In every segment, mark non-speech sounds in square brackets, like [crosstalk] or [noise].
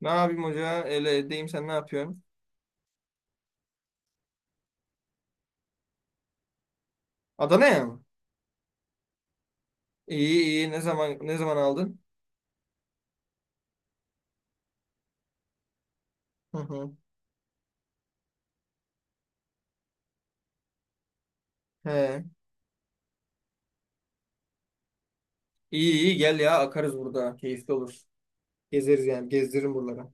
Ne yapayım hoca? Öyle edeyim sen ne yapıyorsun? Adana'ya mı? İyi iyi. Ne zaman aldın? Hı hı. He. İyi iyi gel ya akarız burada. Keyifli olur. Gezeriz yani. Gezdiririm buralara.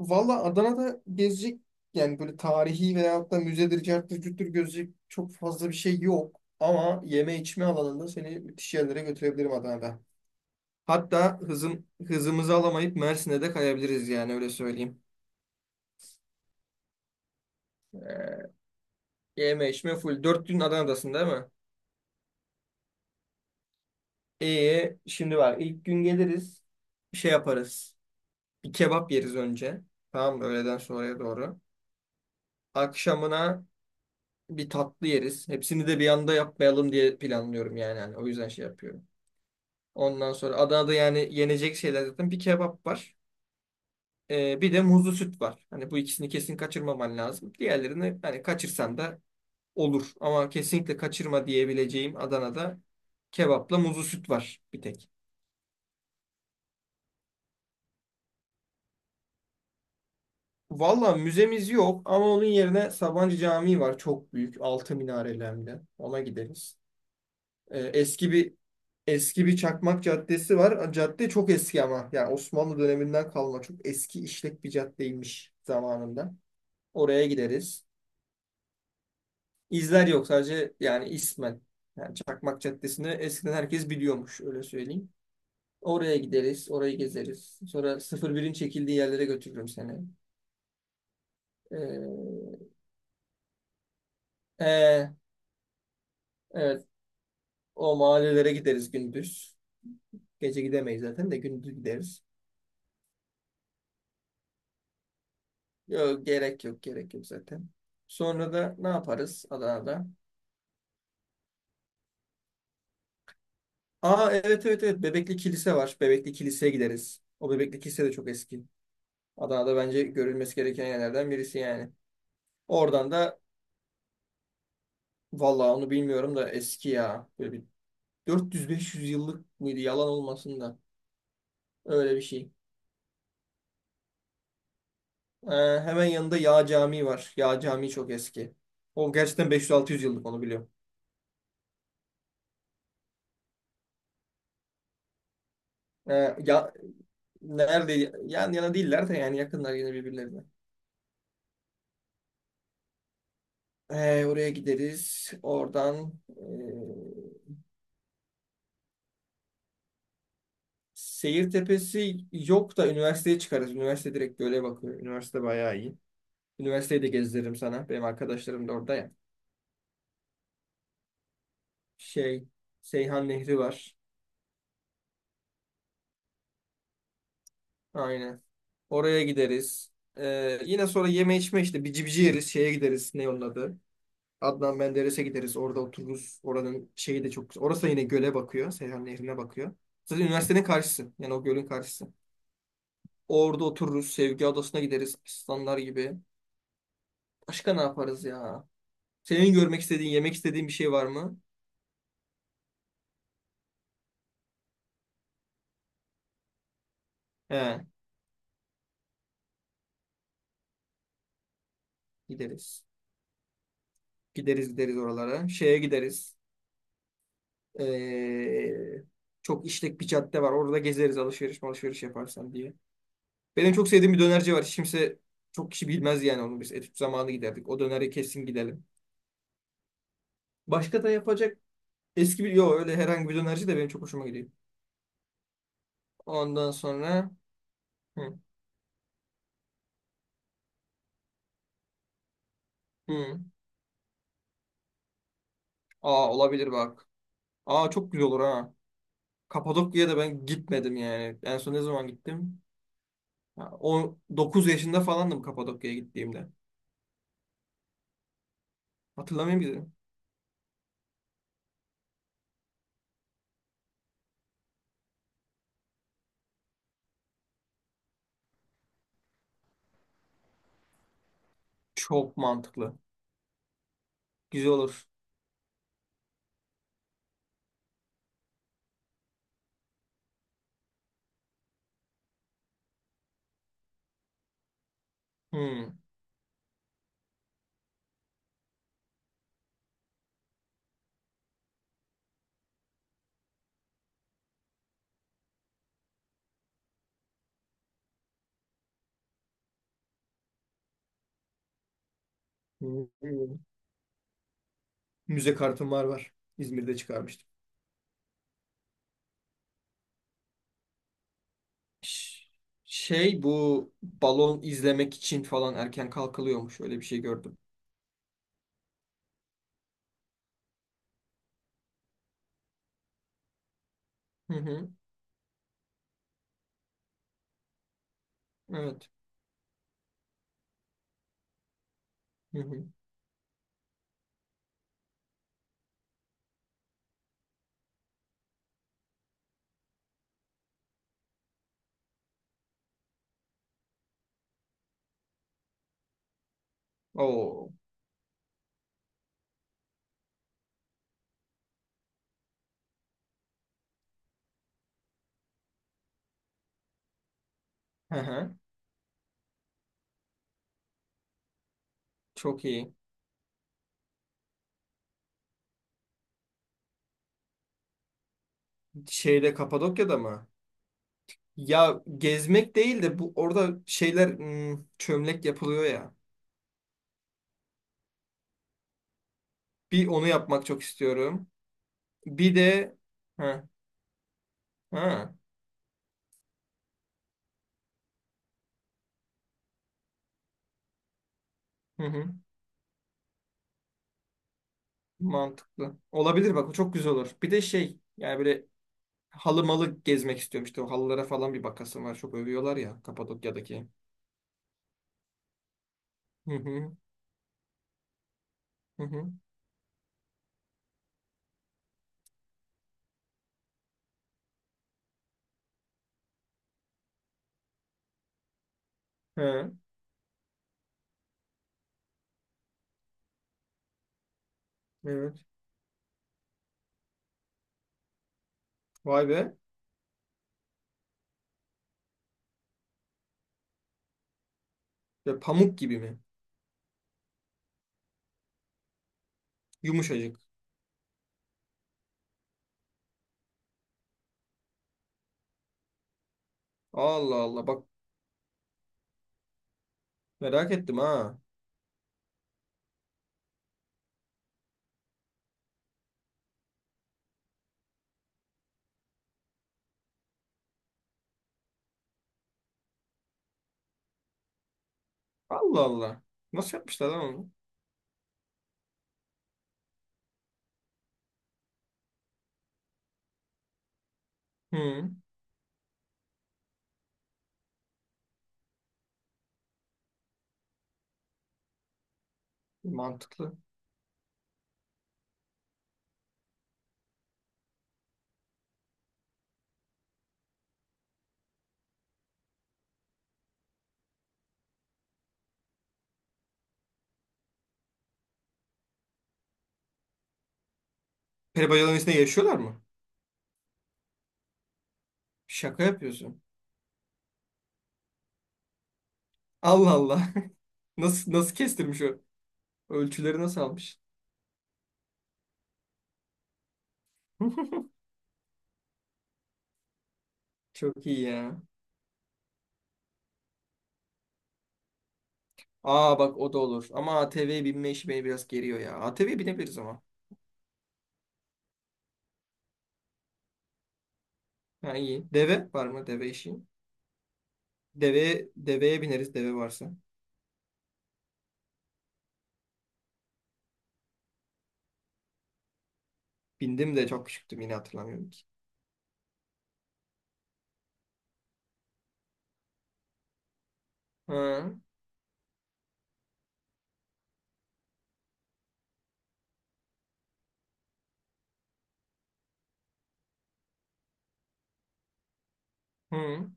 Valla Adana'da gezecek yani böyle tarihi veyahut da müzedir, carttır, cürttür gözecek çok fazla bir şey yok. Ama yeme içme alanında seni müthiş yerlere götürebilirim Adana'da. Hatta hızımızı alamayıp Mersin'e de kayabiliriz yani öyle söyleyeyim. Ee, Yeme içme full. 4 gün Adana'dasın değil mi? Şimdi bak ilk gün geliriz. Şey yaparız. Bir kebap yeriz önce. Tamam mı? Öğleden sonraya doğru. Akşamına bir tatlı yeriz. Hepsini de bir anda yapmayalım diye planlıyorum yani. Hani o yüzden şey yapıyorum. Ondan sonra Adana'da yani yenecek şeyler zaten bir kebap var. Bir de muzlu süt var. Hani bu ikisini kesin kaçırmaman lazım. Diğerlerini hani kaçırsan da olur. Ama kesinlikle kaçırma diyebileceğim Adana'da kebapla muzlu süt var bir tek. Valla müzemiz yok ama onun yerine Sabancı Camii var. Çok büyük. Altı minareli hem de. Ona gideriz. Ee, eski bir eski bir Çakmak Caddesi var. Cadde çok eski ama. Yani Osmanlı döneminden kalma. Çok eski işlek bir caddeymiş zamanında. Oraya gideriz. İzler yok sadece yani ismen. Yani Çakmak Caddesi'ni eskiden herkes biliyormuş öyle söyleyeyim. Oraya gideriz. Orayı gezeriz. Sonra sıfır birin çekildiği yerlere götürürüm seni. Ee, e, evet. O mahallelere gideriz gündüz. Gece gidemeyiz zaten de gündüz gideriz. Yok gerek yok gerek yok zaten. Sonra da ne yaparız Adana'da? Aa evet evet evet Bebekli Kilise var. Bebekli Kilise'ye gideriz. O Bebekli Kilise de çok eski. Adana'da bence görülmesi gereken yerlerden birisi yani. Oradan da vallahi onu bilmiyorum da eski ya. Böyle bir 400-500 yıllık mıydı yalan olmasın da. Öyle bir şey. Ee, hemen yanında Yağ Camii var. Yağ Camii çok eski. O gerçekten 500-600 yıllık onu biliyorum. Ee, ya, Nerede? Yan yana değiller de yani yakınlar yine birbirlerine. Oraya gideriz. Oradan Seyir Tepesi yok da üniversiteye çıkarız. Üniversite direkt göle bakıyor. Üniversite bayağı iyi. Üniversiteyi de gezdiririm sana. Benim arkadaşlarım da orada ya. Şey, Seyhan Nehri var. Aynen. Oraya gideriz. Yine sonra yeme içme işte bici bici yeriz. Şeye gideriz. Ne onun adı? Adnan Menderes'e gideriz. Orada otururuz. Oranın şeyi de çok güzel. Orası da yine göle bakıyor. Seyhan Nehri'ne bakıyor. Zaten üniversitenin karşısı. Yani o gölün karşısı. Orada otururuz. Sevgi Adası'na gideriz. Aslanlar gibi. Başka ne yaparız ya? Senin görmek istediğin, yemek istediğin bir şey var mı? He, gideriz. Gideriz gideriz oralara. Şeye gideriz. Ee, çok işlek bir cadde var. Orada gezeriz alışveriş alışveriş yaparsan diye. Benim çok sevdiğim bir dönerci var. Hiç kimse çok kişi bilmez yani onu. Biz etüt zamanı giderdik. O döneri kesin gidelim. Başka da yapacak eski bir... Yok öyle herhangi bir dönerci de benim çok hoşuma gidiyor. Ondan sonra... Hı, hı. Aa olabilir bak. Aa çok güzel olur ha. Kapadokya'ya da ben gitmedim yani. En son ne zaman gittim? Ha, o 9 yaşında falandım Kapadokya'ya gittiğimde. Hatırlamıyor muydun? Çok mantıklı. Güzel olur. Hı, hı. Müze kartım var var. İzmir'de çıkarmıştım. Ş- Şey bu balon izlemek için falan erken kalkılıyormuş. Öyle bir şey gördüm. Hı hı. Evet. Hı hı. Oo. Hı hı. Çok iyi. Şeyde Kapadokya'da mı? Ya gezmek değil de bu orada şeyler çömlek yapılıyor ya. Bir onu yapmak çok istiyorum. Bir de ha ha hı hı. Mantıklı. Olabilir bak o çok güzel olur. Bir de şey yani böyle halı malı gezmek istiyorum işte o halılara falan bir bakasım var. Çok övüyorlar ya Kapadokya'daki. Hı hı hı hı. He, evet. Vay be. Ve pamuk gibi mi? Yumuşacık. Allah Allah bak merak ettim ha. Allah Allah. Nasıl yapmışlar lan onu? Hı, mantıklı. Peri bacalarının içinde yaşıyorlar mı? Şaka yapıyorsun. Allah Allah. [laughs] Nasıl kestirmiş o? Ölçüleri nasıl almış? [laughs] Çok iyi ya. Aa bak o da olur. Ama ATV'ye binme işi beni biraz geriyor ya. A ATV'ye binebiliriz ama. Ha iyi. Deve var mı? Deve işi. Deveye bineriz deve varsa. Bindim de çok küçüktüm yine hatırlamıyorum ki. Ha. Hı.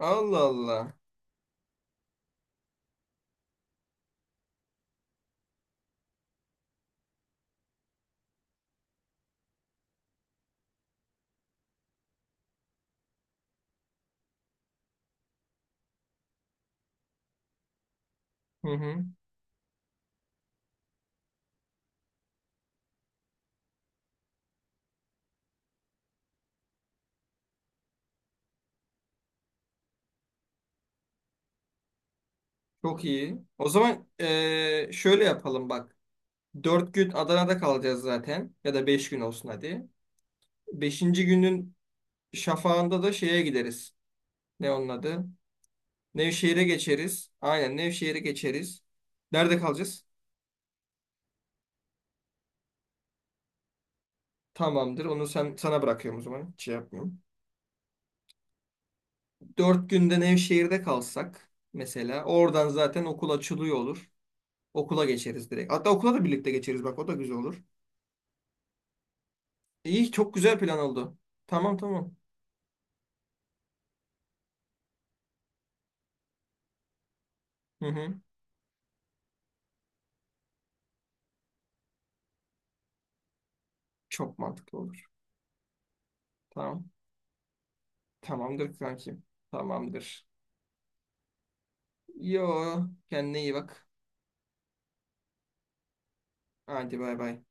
Allah Allah. Hı hı. Çok iyi. O zaman şöyle yapalım bak. 4 gün Adana'da kalacağız zaten. Ya da 5 gün olsun hadi. Beşinci günün şafağında da şeye gideriz. Ne onun adı? Nevşehir'e geçeriz. Aynen Nevşehir'e geçeriz. Nerede kalacağız? Tamamdır. Onu sen sana bırakıyorum o zaman. Hiç şey yapmıyorum. 4 günde Nevşehir'de kalsak mesela oradan zaten okul açılıyor olur. Okula geçeriz direkt. Hatta okula da birlikte geçeriz. Bak o da güzel olur. İyi çok güzel plan oldu. Tamam tamam. Hı hı. Çok mantıklı olur. Tamam. Tamamdır kankim. Tamamdır. Yo kendine iyi bak. Hadi bay bay.